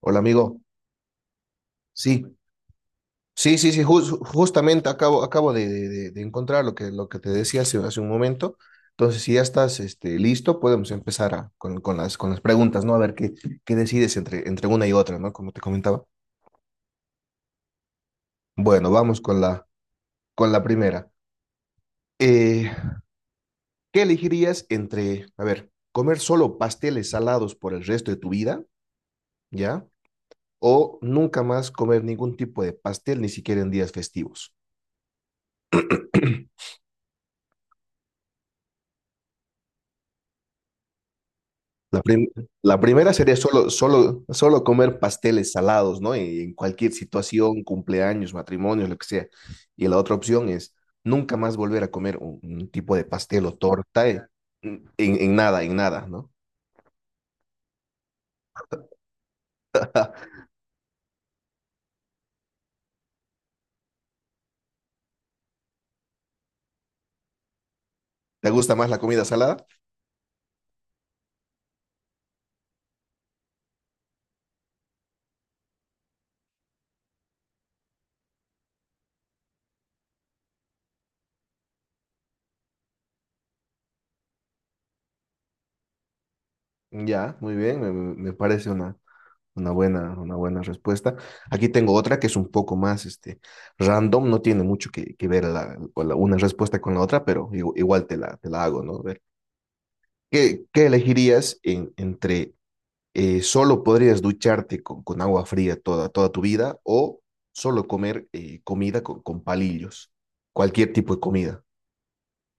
Hola amigo, sí, justamente acabo de encontrar lo que te decía hace un momento. Entonces, si ya estás listo, podemos con, con las preguntas, ¿no? A ver qué, qué decides entre una y otra, ¿no? Como te comentaba. Bueno, vamos con con la primera. Eh, ¿Qué elegirías entre, a ver, comer solo pasteles salados por el resto de tu vida, ¿ya? O nunca más comer ningún tipo de pastel, ni siquiera en días festivos. La, prim- la primera sería solo comer pasteles salados, ¿no? En cualquier situación, cumpleaños, matrimonios, lo que sea. Y la otra opción es nunca más volver a comer un tipo de pastel o torta en, en nada, ¿no? ¿Te gusta más la comida salada? Ya, muy bien, me parece una buena respuesta. Aquí tengo otra que es un poco más random, no tiene mucho que ver una respuesta con la otra, pero igual te te la hago, ¿no? ¿Qué elegirías entre solo podrías ducharte con agua fría toda, toda tu vida o solo comer comida con palillos? Cualquier tipo de comida,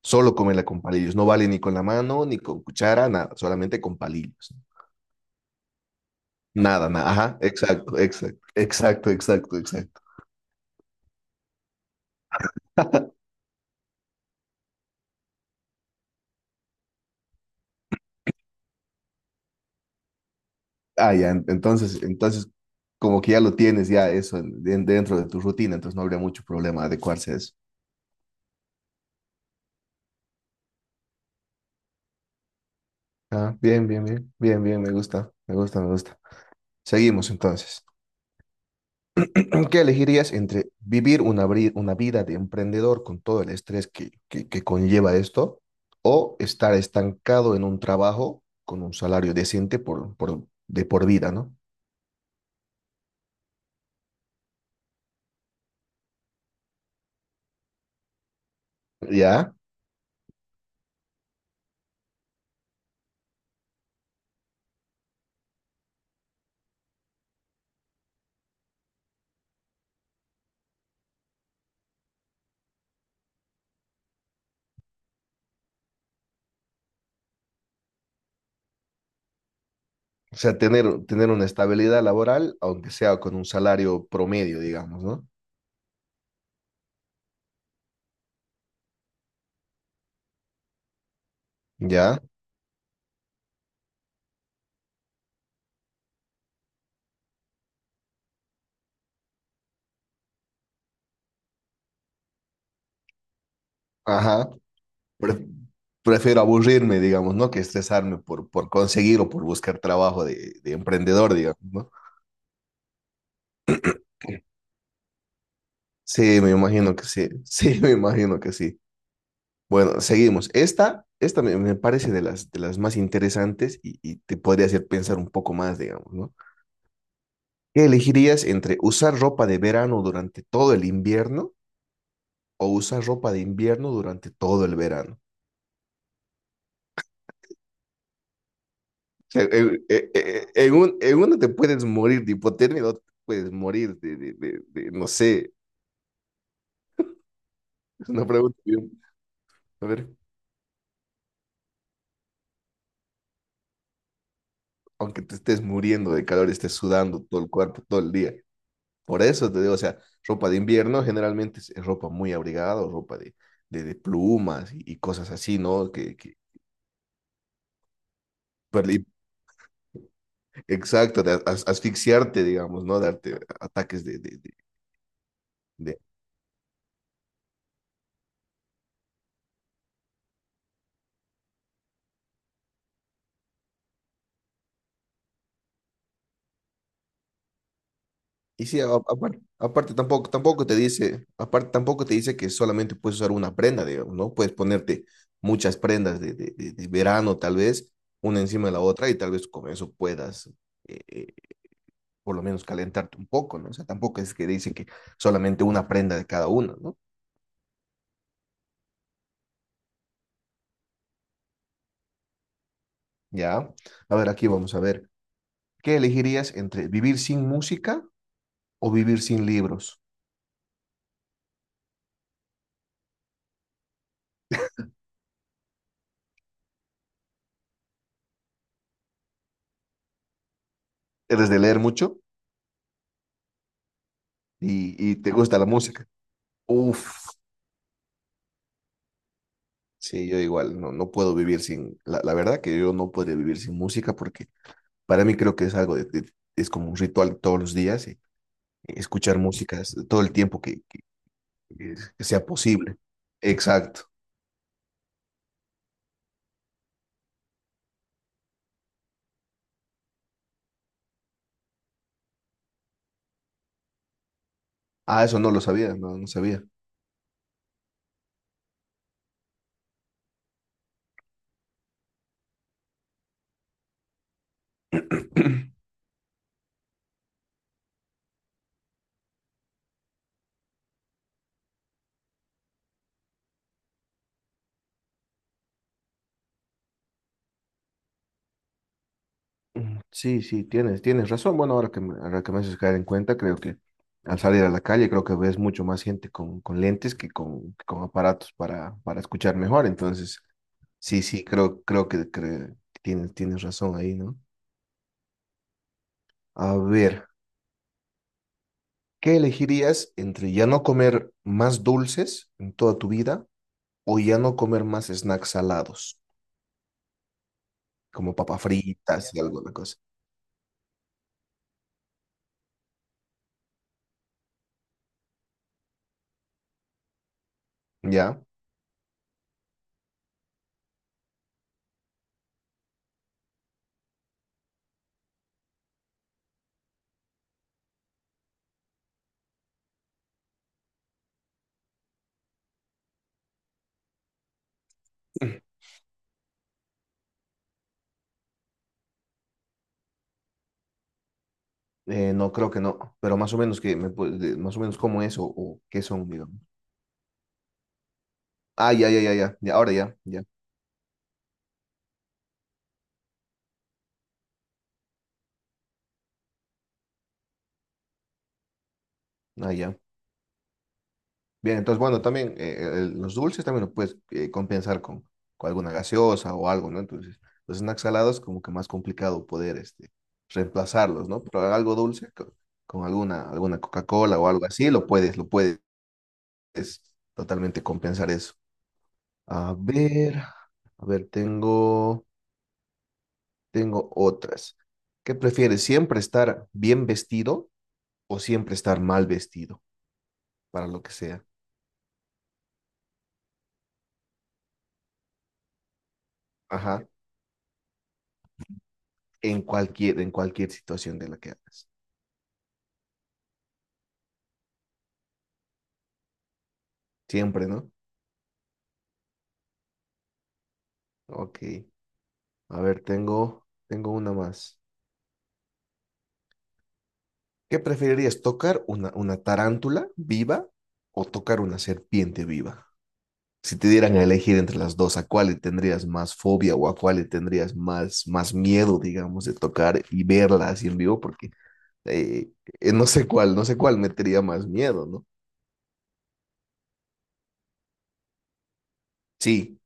solo comerla con palillos. No vale ni con la mano, ni con cuchara, nada, solamente con palillos. Nada, nada, ajá, exacto, exacto, exacto, exacto, exacto. Ah, ya, entonces, como que ya lo tienes ya eso dentro de tu rutina, entonces no habría mucho problema adecuarse a eso. Ah, bien, bien, bien, bien, bien, me gusta, me gusta, me gusta. Seguimos entonces. ¿Qué elegirías entre vivir una vida de emprendedor con todo el estrés que conlleva esto o estar estancado en un trabajo con un salario decente de por vida, ¿no? ¿Ya? O sea, tener una estabilidad laboral, aunque sea con un salario promedio, digamos, ¿no? ¿Ya? Ajá. Pre- Prefiero aburrirme, digamos, ¿no? Que estresarme por conseguir o por buscar trabajo de emprendedor, digamos, ¿no? Sí, me imagino que sí. Sí, me imagino que sí. Bueno, seguimos. Esta me parece de de las más interesantes y te podría hacer pensar un poco más, digamos, ¿no? ¿Qué elegirías entre usar ropa de verano durante todo el invierno o usar ropa de invierno durante todo el verano? O sea, en uno te puedes morir de hipotermia, en otro te puedes morir no sé, es una pregunta. A ver, aunque te estés muriendo de calor, estés sudando todo el cuerpo todo el día. Por eso te digo, o sea, ropa de invierno generalmente es ropa muy abrigada o ropa de plumas y cosas así, ¿no? Que, pero y- exacto, asfixiarte, digamos, ¿no? Darte ataques de- Y sí, aparte, tampoco te dice, aparte tampoco te dice que solamente puedes usar una prenda, digamos, ¿no? Puedes ponerte muchas prendas de verano, tal vez, una encima de la otra, y tal vez con eso puedas eh, eh, por lo menos calentarte un poco, ¿no? O sea, tampoco es que dice que solamente una prenda de cada uno, ¿no? Ya. A ver, aquí vamos a ver. ¿Qué elegirías entre vivir sin música o vivir sin libros? ¿Eres de leer mucho y te gusta la música? Uf, sí, yo igual, no, no puedo vivir sin, la verdad que yo no podría vivir sin música porque para mí creo que es algo, es como un ritual todos los días, y escuchar música es todo el tiempo que sea posible. Exacto. Ah, eso no lo sabía, no, no sabía. Mm, Sí, sí, tienes, tienes razón. Bueno, ahora ahora que me haces caer en cuenta, creo que al salir a la calle, creo que ves mucho más gente con lentes que con aparatos para escuchar mejor. Entonces, sí, sí, creo, creo tienes, tienes razón ahí, ¿no? A ver, ¿qué elegirías entre ya no comer más dulces en toda tu vida o ya no comer más snacks salados, como papas fritas y alguna cosa? ¿Ya? No, creo que no, pero más o menos que más o menos como eso o qué son, digamos. Ah, ya, ya, ya, ya, ya, ahora ya, ya, ah, ya. Bien, entonces, bueno, también los dulces también lo puedes compensar con alguna gaseosa o algo, ¿no? Entonces, los snacks salados como que más complicado poder reemplazarlos, ¿no? Pero algo con, alguna, alguna Coca-Cola o algo así, lo puedes totalmente compensar eso. A ver, a ver, tengo... Tengo otras. ¿Qué prefieres? ¿Siempre estar bien vestido o siempre estar mal vestido? Para lo que sea. Ajá. En cualquier situación de la que hagas. Siempre, ¿no? Ok. A ver, tengo, tengo una más. ¿Qué preferirías? ¿Tocar una tarántula viva o tocar una serpiente viva? Si te dieran a elegir entre las dos, ¿a cuál le tendrías más fobia o a cuál le tendrías más, más miedo, digamos, de tocar y verla así en vivo? Porque eh, no sé cuál, no sé cuál metería más miedo, ¿no? Sí.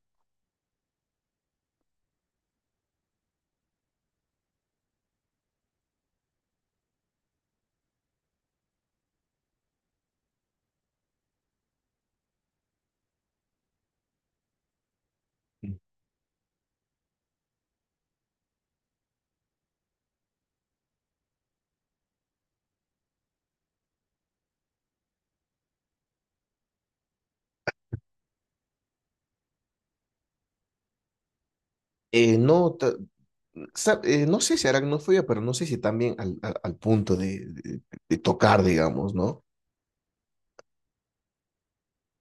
Eh, no, ta- no sé si aracnofobia, pero no sé si también al punto de tocar, digamos, ¿no?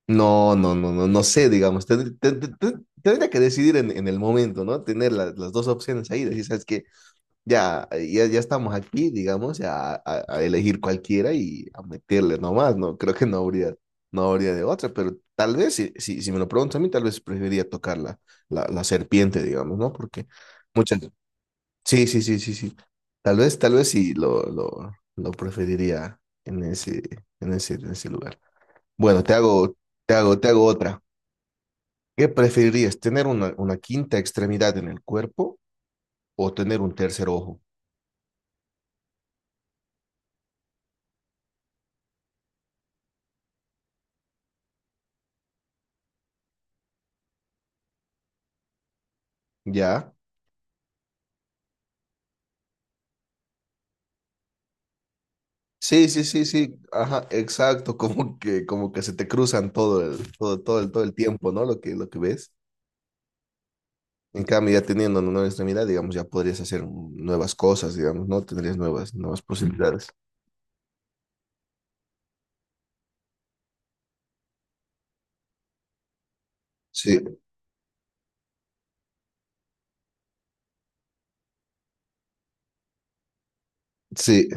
No, no, no, no, no sé, digamos, tendría que decidir en el momento, ¿no? Tener las dos opciones ahí, decir, ¿sabes qué? Ya, ya, ya estamos aquí, digamos, a elegir cualquiera y a meterle nomás, ¿no? Creo que no habría, no habría de otra, pero tal vez, si me lo preguntas a mí, tal vez preferiría tocar la serpiente, digamos, ¿no? Porque muchas... Sí, sí, sí, sí, sí. Tal vez sí lo preferiría en en ese lugar. Bueno, te hago, te hago, te hago otra. ¿Qué preferirías, tener una quinta extremidad en el cuerpo o tener un tercer ojo? ¿Ya? Sí, sí, sí, sí, ajá, exacto, como que se te cruzan todo todo el tiempo, ¿no? Lo que ves. En cambio, ya teniendo una nueva extremidad, digamos, ya podrías hacer nuevas cosas, digamos, ¿no? Tendrías nuevas, nuevas posibilidades. Sí, sí,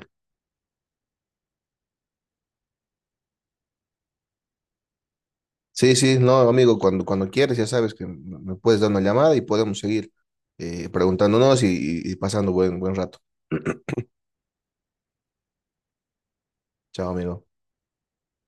sí, sí, no, amigo, cuando, cuando quieres, ya sabes que me puedes dar una llamada y podemos seguir preguntándonos y, y pasando buen, buen rato. Chao, amigo.